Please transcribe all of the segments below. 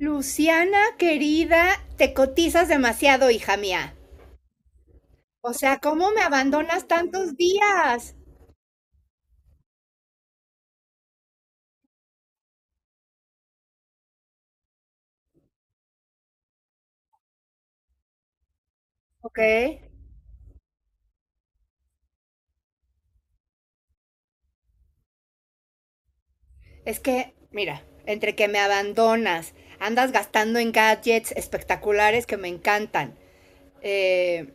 Luciana, querida, te cotizas demasiado, hija mía. O sea, ¿cómo me abandonas tantos días? Ok. Es que, mira, entre que me abandonas, andas gastando en gadgets espectaculares que me encantan. eh,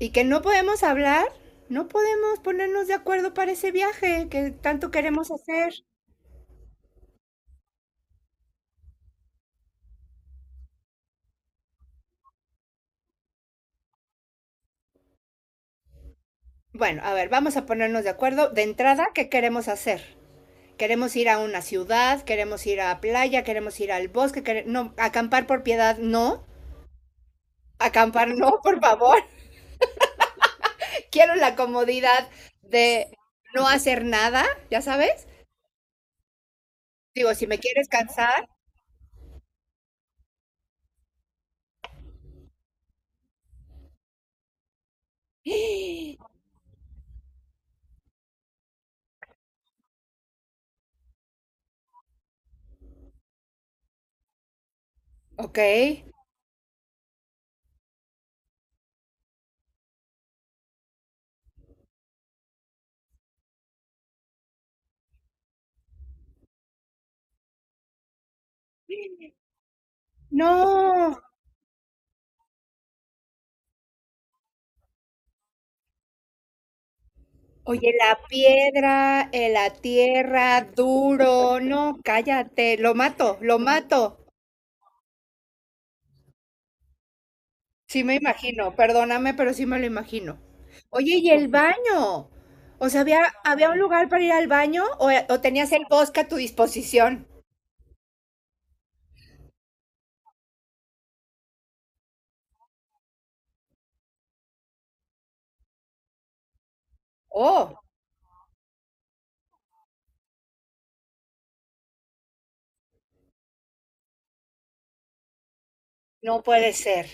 y que no podemos hablar, no podemos ponernos de acuerdo para ese viaje que tanto queremos hacer. Bueno, a ver, vamos a ponernos de acuerdo de entrada qué queremos hacer. Queremos ir a una ciudad, queremos ir a playa, queremos ir al bosque, no, acampar por piedad, no. Acampar no, por favor. Quiero la comodidad de no hacer nada, ¿ya sabes? Digo, si me quieres cansar, ok. No. Oye, la piedra, la tierra, duro, no, cállate, lo mato, lo mato. Sí me imagino, perdóname, pero sí me lo imagino. Oye, ¿y el baño? O sea, ¿había un lugar para ir al baño o tenías el bosque a tu disposición? Oh, no puede ser.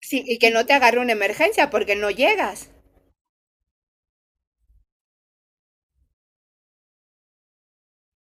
Sí, y que no te agarre una emergencia porque no llegas.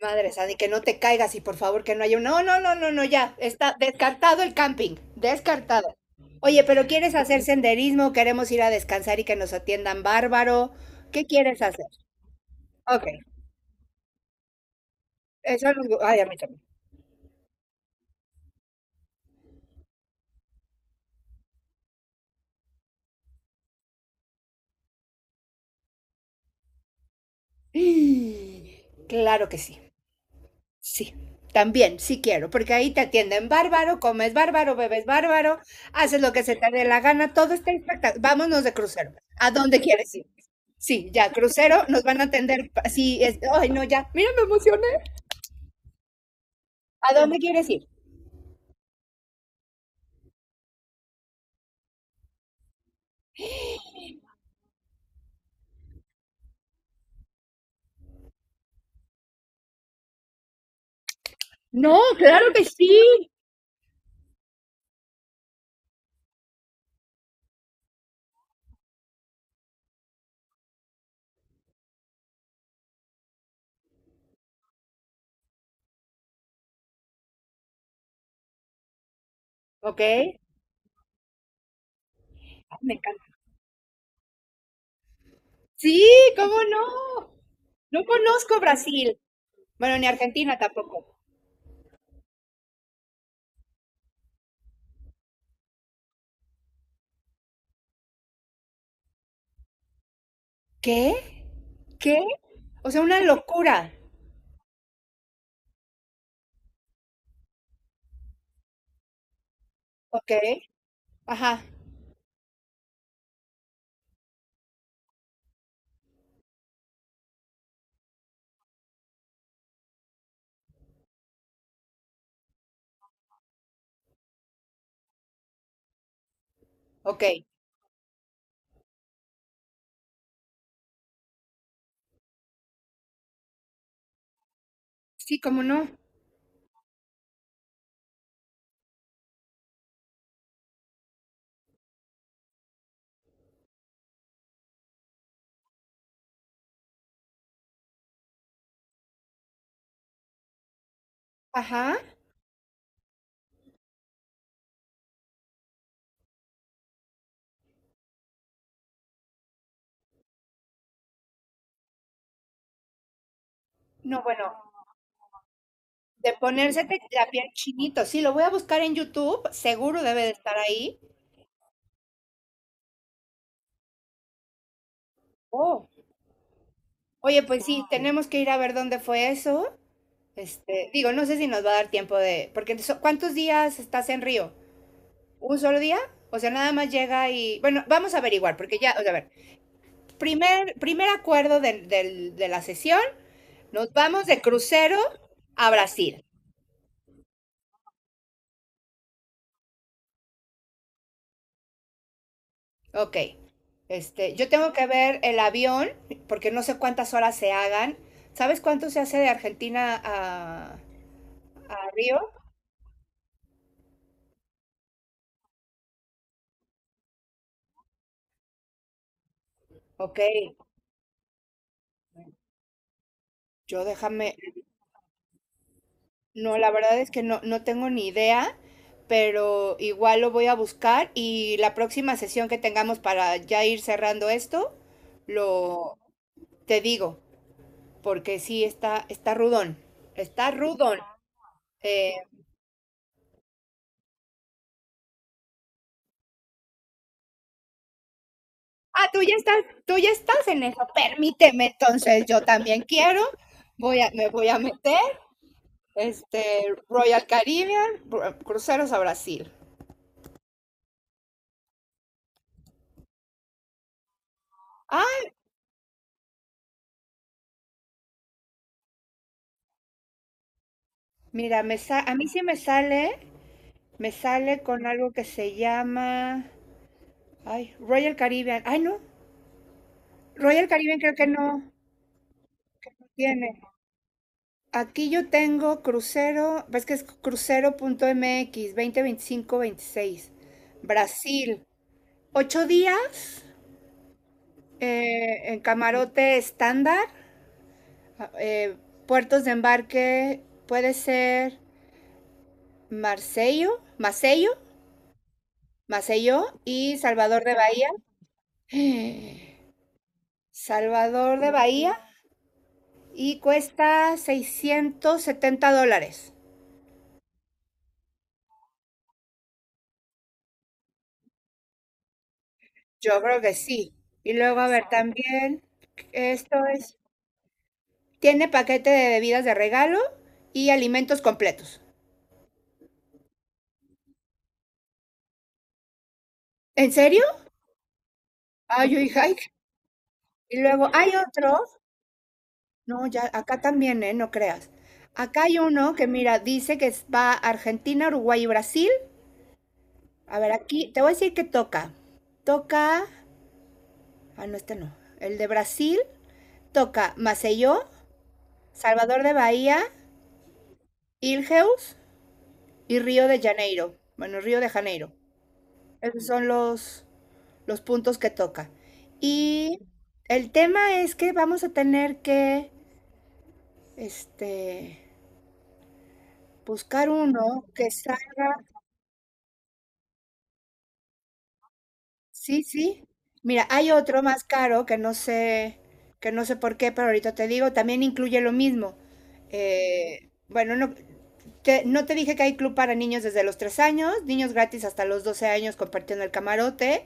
Madre santa, y que no te caigas y por favor que no haya un... No, no, no, no, no, ya. Está descartado el camping. Descartado. Oye, pero ¿quieres hacer senderismo? ¿Queremos ir a descansar y que nos atiendan bárbaro? ¿Qué quieres hacer? Ok. Eso, ay, a mí también. Mm, claro que sí, sí, también, sí quiero, porque ahí te atienden bárbaro, comes bárbaro, bebes bárbaro, haces lo que se te dé la gana, todo está espectacular. Vámonos de crucero, ¿a dónde quieres ir? Sí, ya, crucero, nos van a atender, sí, es, ay, no, ya, mira, me emocioné. ¿A dónde quieres ir? No, claro que sí. ¿Ok? Ay, me encanta. Sí, ¿cómo no? No conozco Brasil, bueno, ni Argentina tampoco. ¿Qué? ¿Qué? O sea, una locura, ¿ok? Ajá, ok. Sí, cómo no. Ajá. No, bueno, de ponérsete la piel chinito. Sí, lo voy a buscar en YouTube, seguro debe de estar ahí. Oh. Oye, pues sí, tenemos que ir a ver dónde fue eso. Este, digo, no sé si nos va a dar tiempo de, porque ¿cuántos días estás en Río? ¿Un solo día? O sea, nada más llega y, bueno, vamos a averiguar, porque ya, o sea, a ver, primer acuerdo de la sesión, nos vamos de crucero a Brasil. Ok. Este, yo tengo que ver el avión, porque no sé cuántas horas se hagan. ¿Sabes cuánto se hace de a Río? Ok, yo déjame. No, la verdad es que no, no tengo ni idea, pero igual lo voy a buscar y la próxima sesión que tengamos para ya ir cerrando esto, lo te digo, porque sí está rudón. Está rudón. Eh, Ah, tú ya estás en eso. Permíteme, entonces yo también quiero. Me voy a meter, este, Royal Caribbean, cruceros a Brasil. Ah, mira, a mí sí me sale con algo que se llama, ay, Royal Caribbean. Ay, no, Royal Caribbean creo que no tiene. Aquí yo tengo crucero, ves que es crucero.mx, 20 25 26 Brasil, 8 días. En camarote estándar, eh, puertos de embarque puede ser Macello, Macello y Salvador de Bahía. Salvador de Bahía y cuesta $670. Yo creo que sí. Y luego, a ver, también esto es, tiene paquete de bebidas de regalo y alimentos completos. ¿En serio? Ay, yo dije, ay. Y luego hay otro. No, ya, acá también, ¿eh? No creas. Acá hay uno que, mira, dice que va a Argentina, Uruguay y Brasil. A ver, aquí te voy a decir que toca. Toca. Ah, no, este no. El de Brasil toca Maceió, Salvador de Bahía, Ilheus y Río de Janeiro. Bueno, Río de Janeiro. Esos son los puntos que toca. Y el tema es que vamos a tener este, buscar uno que salga. Sí, sí. Mira, hay otro más caro que no sé por qué, pero ahorita te digo, también incluye lo mismo. Bueno, no te dije que hay club para niños desde los 3 años, niños gratis hasta los 12 años compartiendo el camarote,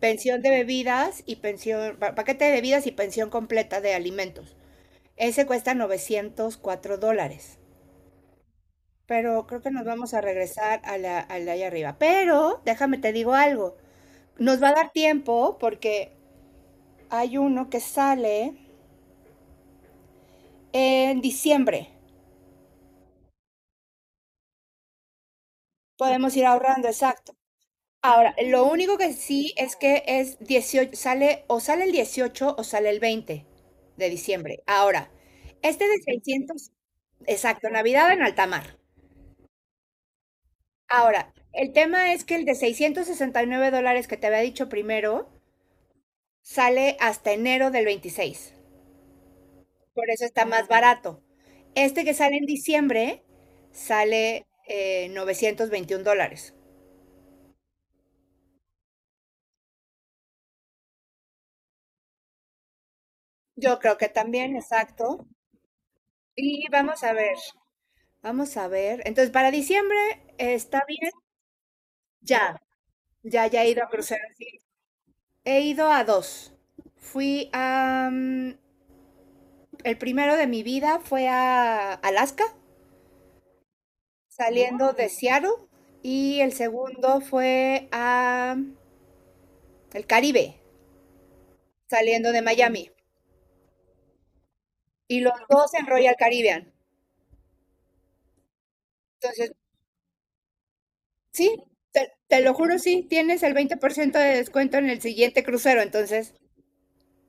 pensión de bebidas y pensión, pa- paquete de bebidas y pensión completa de alimentos. Ese cuesta $904. Pero creo que nos vamos a regresar a al de allá arriba. Pero déjame te digo algo. Nos va a dar tiempo porque hay uno que sale en diciembre. Podemos ir ahorrando, exacto. Ahora, lo único que sí es que es 18, sale o sale el 18 o sale el 20 de diciembre. Ahora, este de 600, exacto, Navidad en alta mar. Ahora, el tema es que el de $669 que te había dicho primero sale hasta enero del 26. Por eso está más barato. Este que sale en diciembre sale $921. Yo creo que también, exacto. Y vamos a ver, vamos a ver. Entonces, para diciembre está bien, ya, ya he ido a cruceros. Sí. He ido a dos. Fui a... mm, el primero de mi vida fue a Alaska, saliendo de Seattle, y el segundo fue a el Caribe, saliendo de Miami. Y los dos en Royal Caribbean. Entonces, sí, te lo juro, sí, tienes el 20% de descuento en el siguiente crucero, entonces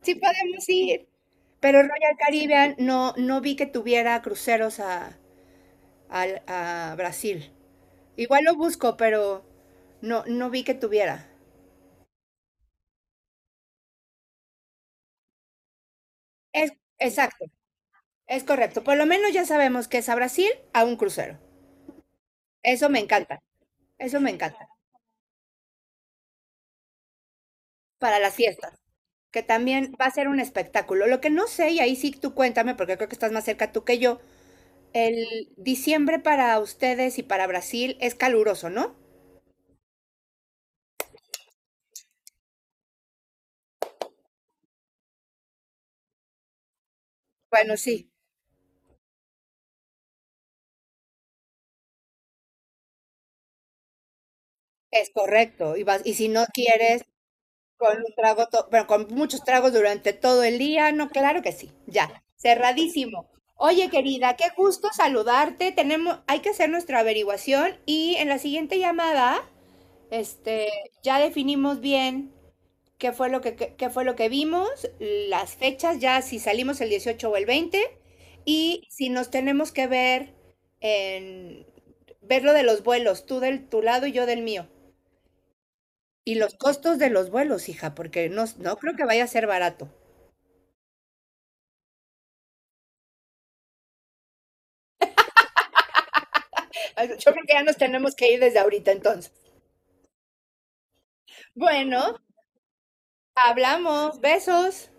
sí podemos ir, pero Royal Caribbean no, no vi que tuviera cruceros a Brasil. Igual lo busco, pero no, no vi que tuviera. Es, exacto, es correcto. Por lo menos ya sabemos que es a Brasil a un crucero. Eso me encanta, eso me encanta. Para las fiestas, que también va a ser un espectáculo. Lo que no sé, y ahí sí tú cuéntame, porque creo que estás más cerca tú que yo, el diciembre para ustedes y para Brasil es caluroso, ¿no? Bueno, sí. Es correcto, y vas, y si no quieres, con un trago, bueno, con muchos tragos durante todo el día, no, claro que sí, ya, cerradísimo. Oye, querida, qué gusto saludarte. Tenemos, hay que hacer nuestra averiguación y en la siguiente llamada, este, ya definimos bien qué fue lo qué fue lo que vimos, las fechas, ya si salimos el 18 o el 20, y si nos tenemos que ver en ver lo de los vuelos, tú del tu lado y yo del mío. Y los costos de los vuelos, hija, porque no, no creo que vaya a ser barato. Yo creo que ya nos tenemos que ir desde ahorita entonces. Bueno, hablamos. Besos.